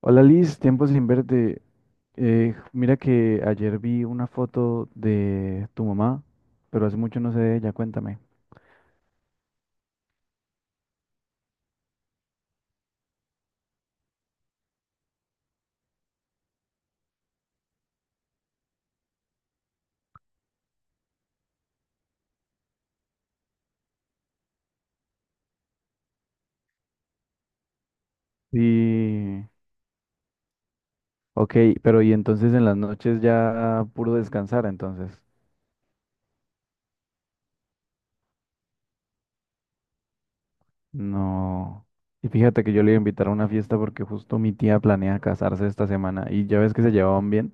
Hola Liz, tiempo sin verte. Mira que ayer vi una foto de tu mamá, pero hace mucho no sé de ella, cuéntame. Sí, ok, pero y entonces en las noches ya puro descansar, entonces. No. Y fíjate que yo le iba a invitar a una fiesta porque justo mi tía planea casarse esta semana y ya ves que se llevaban bien.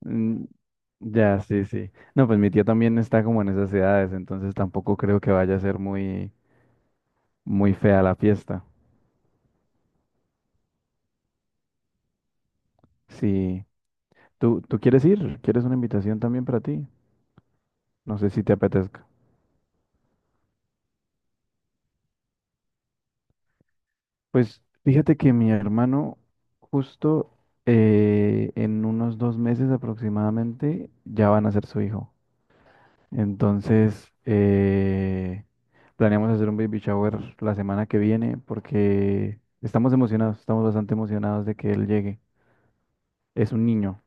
Mm, ya, sí, sí. No, pues mi tía también está como en esas edades, entonces tampoco creo que vaya a ser muy, muy fea la fiesta. Sí. ¿Tú quieres ir? ¿Quieres una invitación también para ti? No sé si te apetezca. Pues fíjate que mi hermano justo en unos 2 meses aproximadamente ya van a ser su hijo. Entonces planeamos hacer un baby shower la semana que viene porque estamos emocionados, estamos bastante emocionados de que él llegue. Es un niño.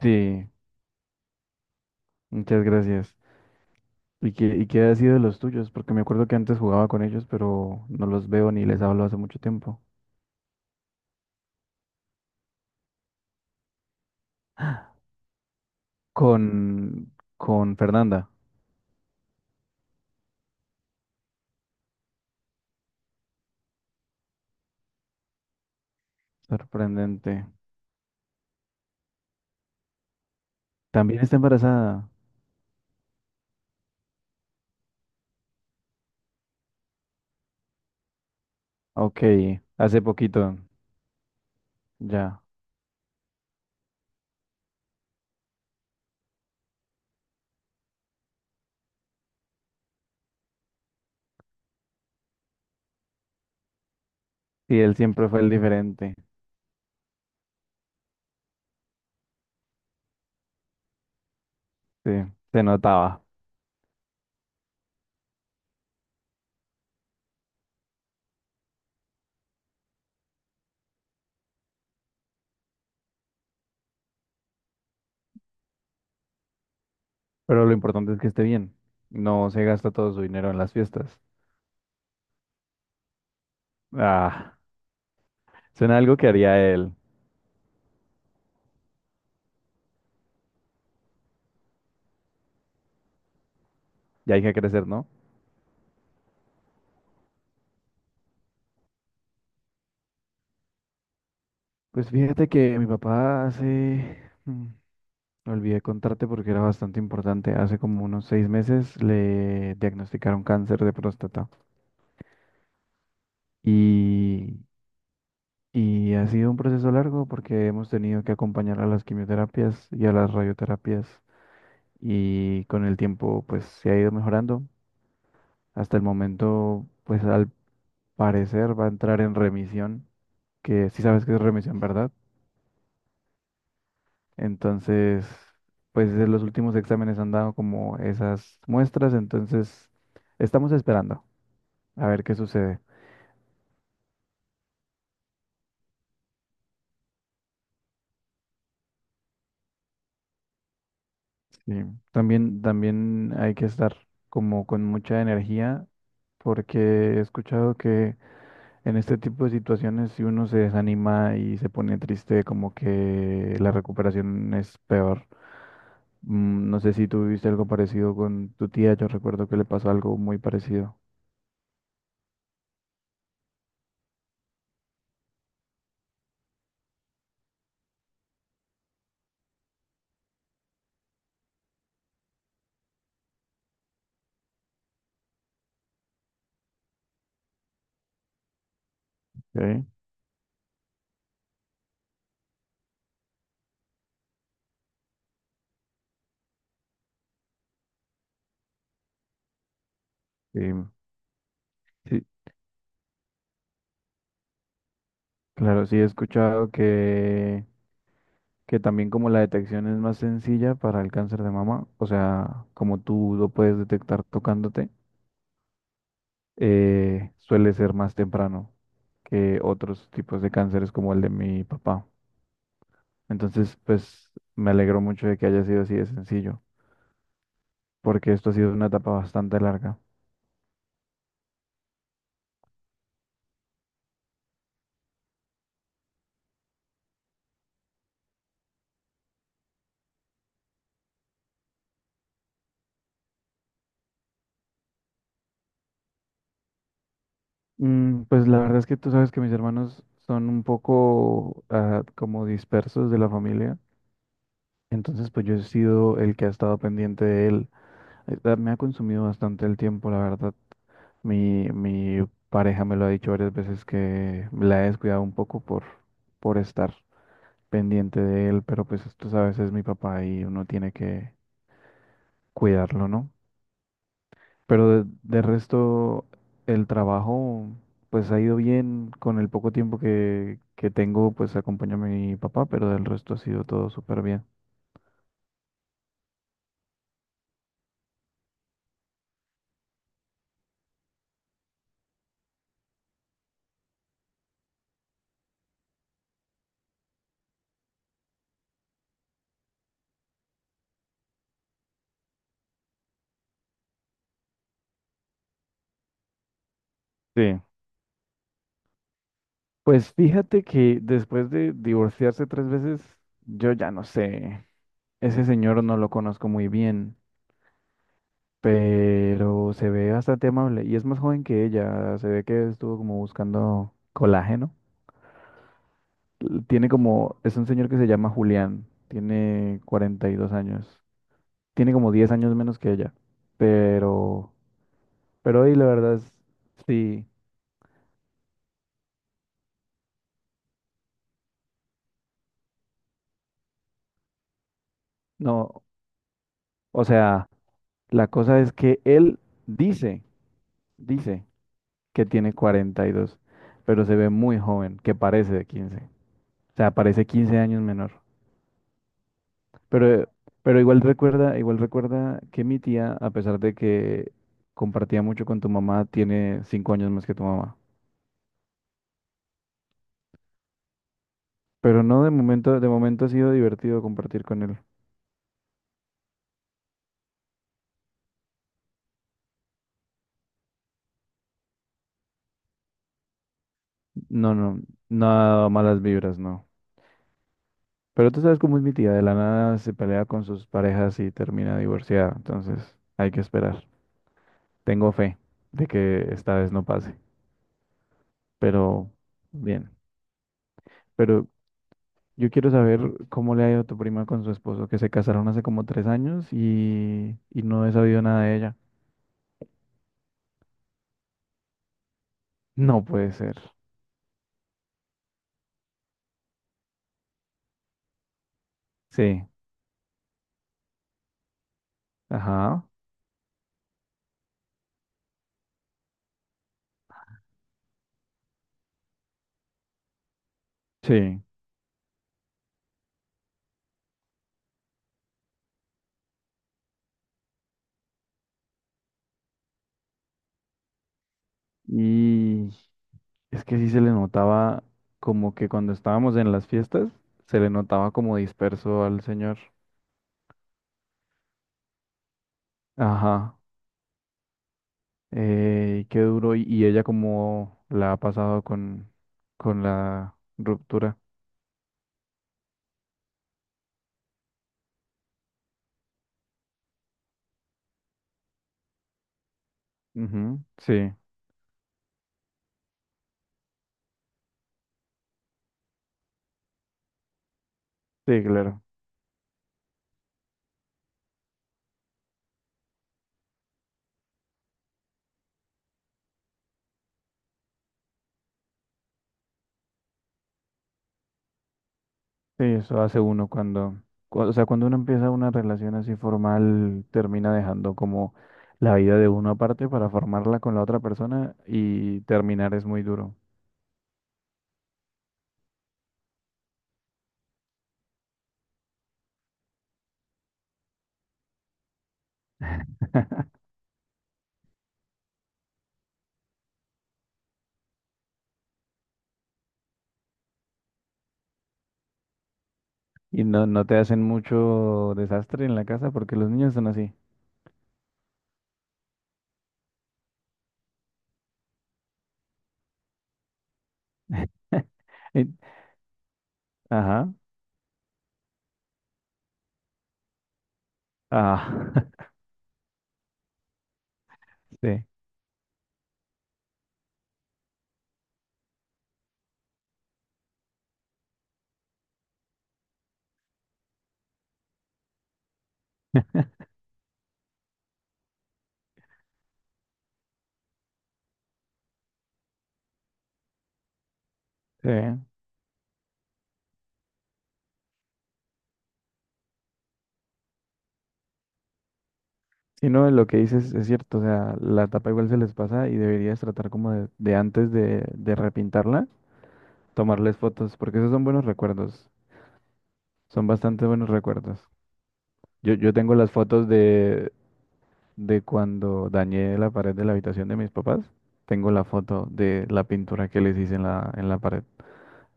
Sí, muchas gracias. ¿Y qué ha sido de los tuyos? Porque me acuerdo que antes jugaba con ellos, pero no los veo ni les hablo hace mucho tiempo. Con Fernanda, sorprendente. También está embarazada. Ok, hace poquito, ya. Sí, él siempre fue el diferente. Sí, se notaba. Pero lo importante es que esté bien. No se gasta todo su dinero en las fiestas. Ah, suena algo que haría él. Ya hay que crecer, ¿no? Pues fíjate que mi papá olvidé contarte porque era bastante importante. Hace como unos 6 meses le diagnosticaron cáncer de próstata y, y ha sido un proceso largo porque hemos tenido que acompañar a las quimioterapias y a las radioterapias y con el tiempo pues se ha ido mejorando. Hasta el momento pues al parecer va a entrar en remisión, que sí sabes que es remisión, ¿verdad? Entonces pues en los últimos exámenes han dado como esas muestras, entonces estamos esperando. A ver qué sucede. Sí. También hay que estar como con mucha energía porque he escuchado que en este tipo de situaciones si uno se desanima y se pone triste, como que la recuperación es peor. No sé si tú viviste algo parecido con tu tía, yo recuerdo que le pasó algo muy parecido. Ok. Sí, sí, claro, sí he escuchado que también como la detección es más sencilla para el cáncer de mama, o sea, como tú lo puedes detectar tocándote, suele ser más temprano que otros tipos de cánceres como el de mi papá. Entonces, pues me alegro mucho de que haya sido así de sencillo, porque esto ha sido una etapa bastante larga. Pues la verdad es que tú sabes que mis hermanos son un poco como dispersos de la familia, entonces pues yo he sido el que ha estado pendiente de él. Me ha consumido bastante el tiempo, la verdad. Mi pareja me lo ha dicho varias veces que la he descuidado un poco por estar pendiente de él, pero pues tú sabes, es mi papá y uno tiene que cuidarlo, ¿no? Pero de resto, el trabajo pues ha ido bien con el poco tiempo que tengo, pues acompaño a mi papá, pero del resto ha sido todo súper bien. Sí. Pues fíjate que después de divorciarse 3 veces, yo ya no sé. Ese señor no lo conozco muy bien, pero se ve bastante amable y es más joven que ella. Se ve que estuvo como buscando colágeno. Tiene como, es un señor que se llama Julián, tiene 42 años. Tiene como 10 años menos que ella, pero, pero hoy la verdad es, sí, no, o sea, la cosa es que él dice, dice que tiene 42, pero se ve muy joven, que parece de 15. O sea, parece 15 años menor. Pero, pero igual recuerda que mi tía, a pesar de que compartía mucho con tu mamá, tiene 5 años más que tu mamá. Pero no, de momento ha sido divertido compartir con él. No, no, nada malas vibras, no. Pero tú sabes cómo es mi tía, de la nada se pelea con sus parejas y termina divorciada. Entonces, hay que esperar. Tengo fe de que esta vez no pase. Pero, bien. Pero yo quiero saber cómo le ha ido a tu prima con su esposo, que se casaron hace como 3 años y no he sabido nada de ella. No puede ser. Sí, ajá, sí. Y es que sí se le notaba como que cuando estábamos en las fiestas, se le notaba como disperso al señor. Ajá, qué duro. Y ella cómo la ha pasado con la ruptura. Ujú, sí, sí, claro. Sí, eso hace uno cuando, o sea, cuando uno empieza una relación así formal, termina dejando como la vida de uno aparte para formarla con la otra persona y terminar es muy duro. Y no, no te hacen mucho desastre en la casa porque los niños son así. Y- Ajá, ah, sí, sí. Si no, lo que dices es cierto, o sea, la tapa igual se les pasa y deberías tratar como de antes de repintarla, tomarles fotos, porque esos son buenos recuerdos. Son bastante buenos recuerdos. Yo tengo las fotos de cuando dañé la pared de la habitación de mis papás. Tengo la foto de la pintura que les hice en la pared.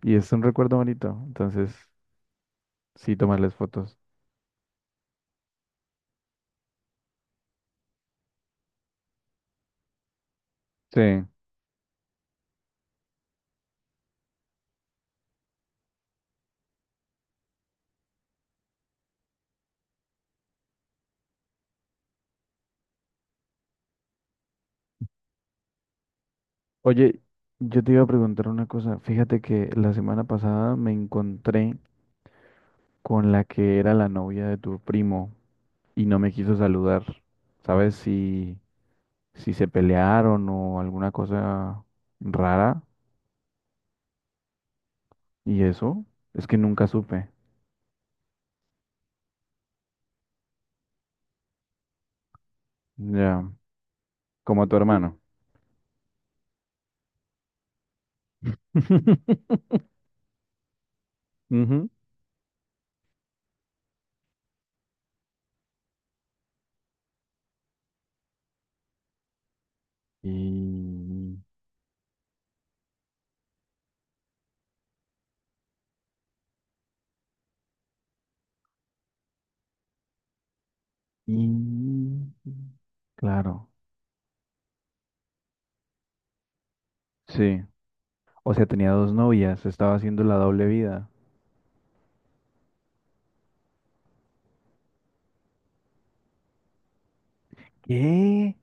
Y es un recuerdo bonito. Entonces, sí, tomarles fotos. Sí. Oye, yo te iba a preguntar una cosa. Fíjate que la semana pasada me encontré con la que era la novia de tu primo y no me quiso saludar. ¿Sabes si se pelearon o alguna cosa rara? ¿Y eso? Es que nunca supe. Ya, como a tu hermano. Ujú. Y, y- Claro, sí. O sea, tenía dos novias, estaba haciendo la doble vida. ¿Qué?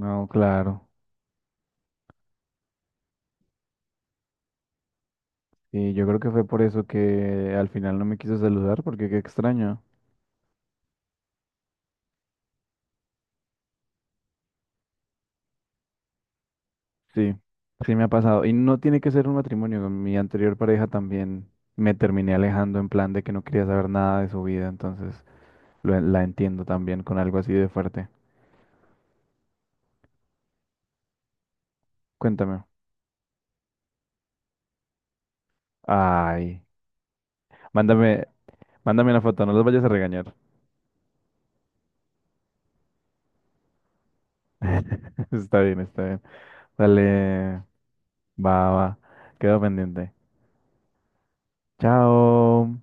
No, claro. Y yo creo que fue por eso que al final no me quiso saludar, porque qué extraño. Sí, sí me ha pasado. Y no tiene que ser un matrimonio. Con mi anterior pareja también me terminé alejando en plan de que no quería saber nada de su vida, entonces. La entiendo también con algo así de fuerte. Cuéntame. Ay, mándame, mándame una foto, no los vayas a regañar. Está bien, está bien. Dale, va, va. Quedo pendiente. Chao.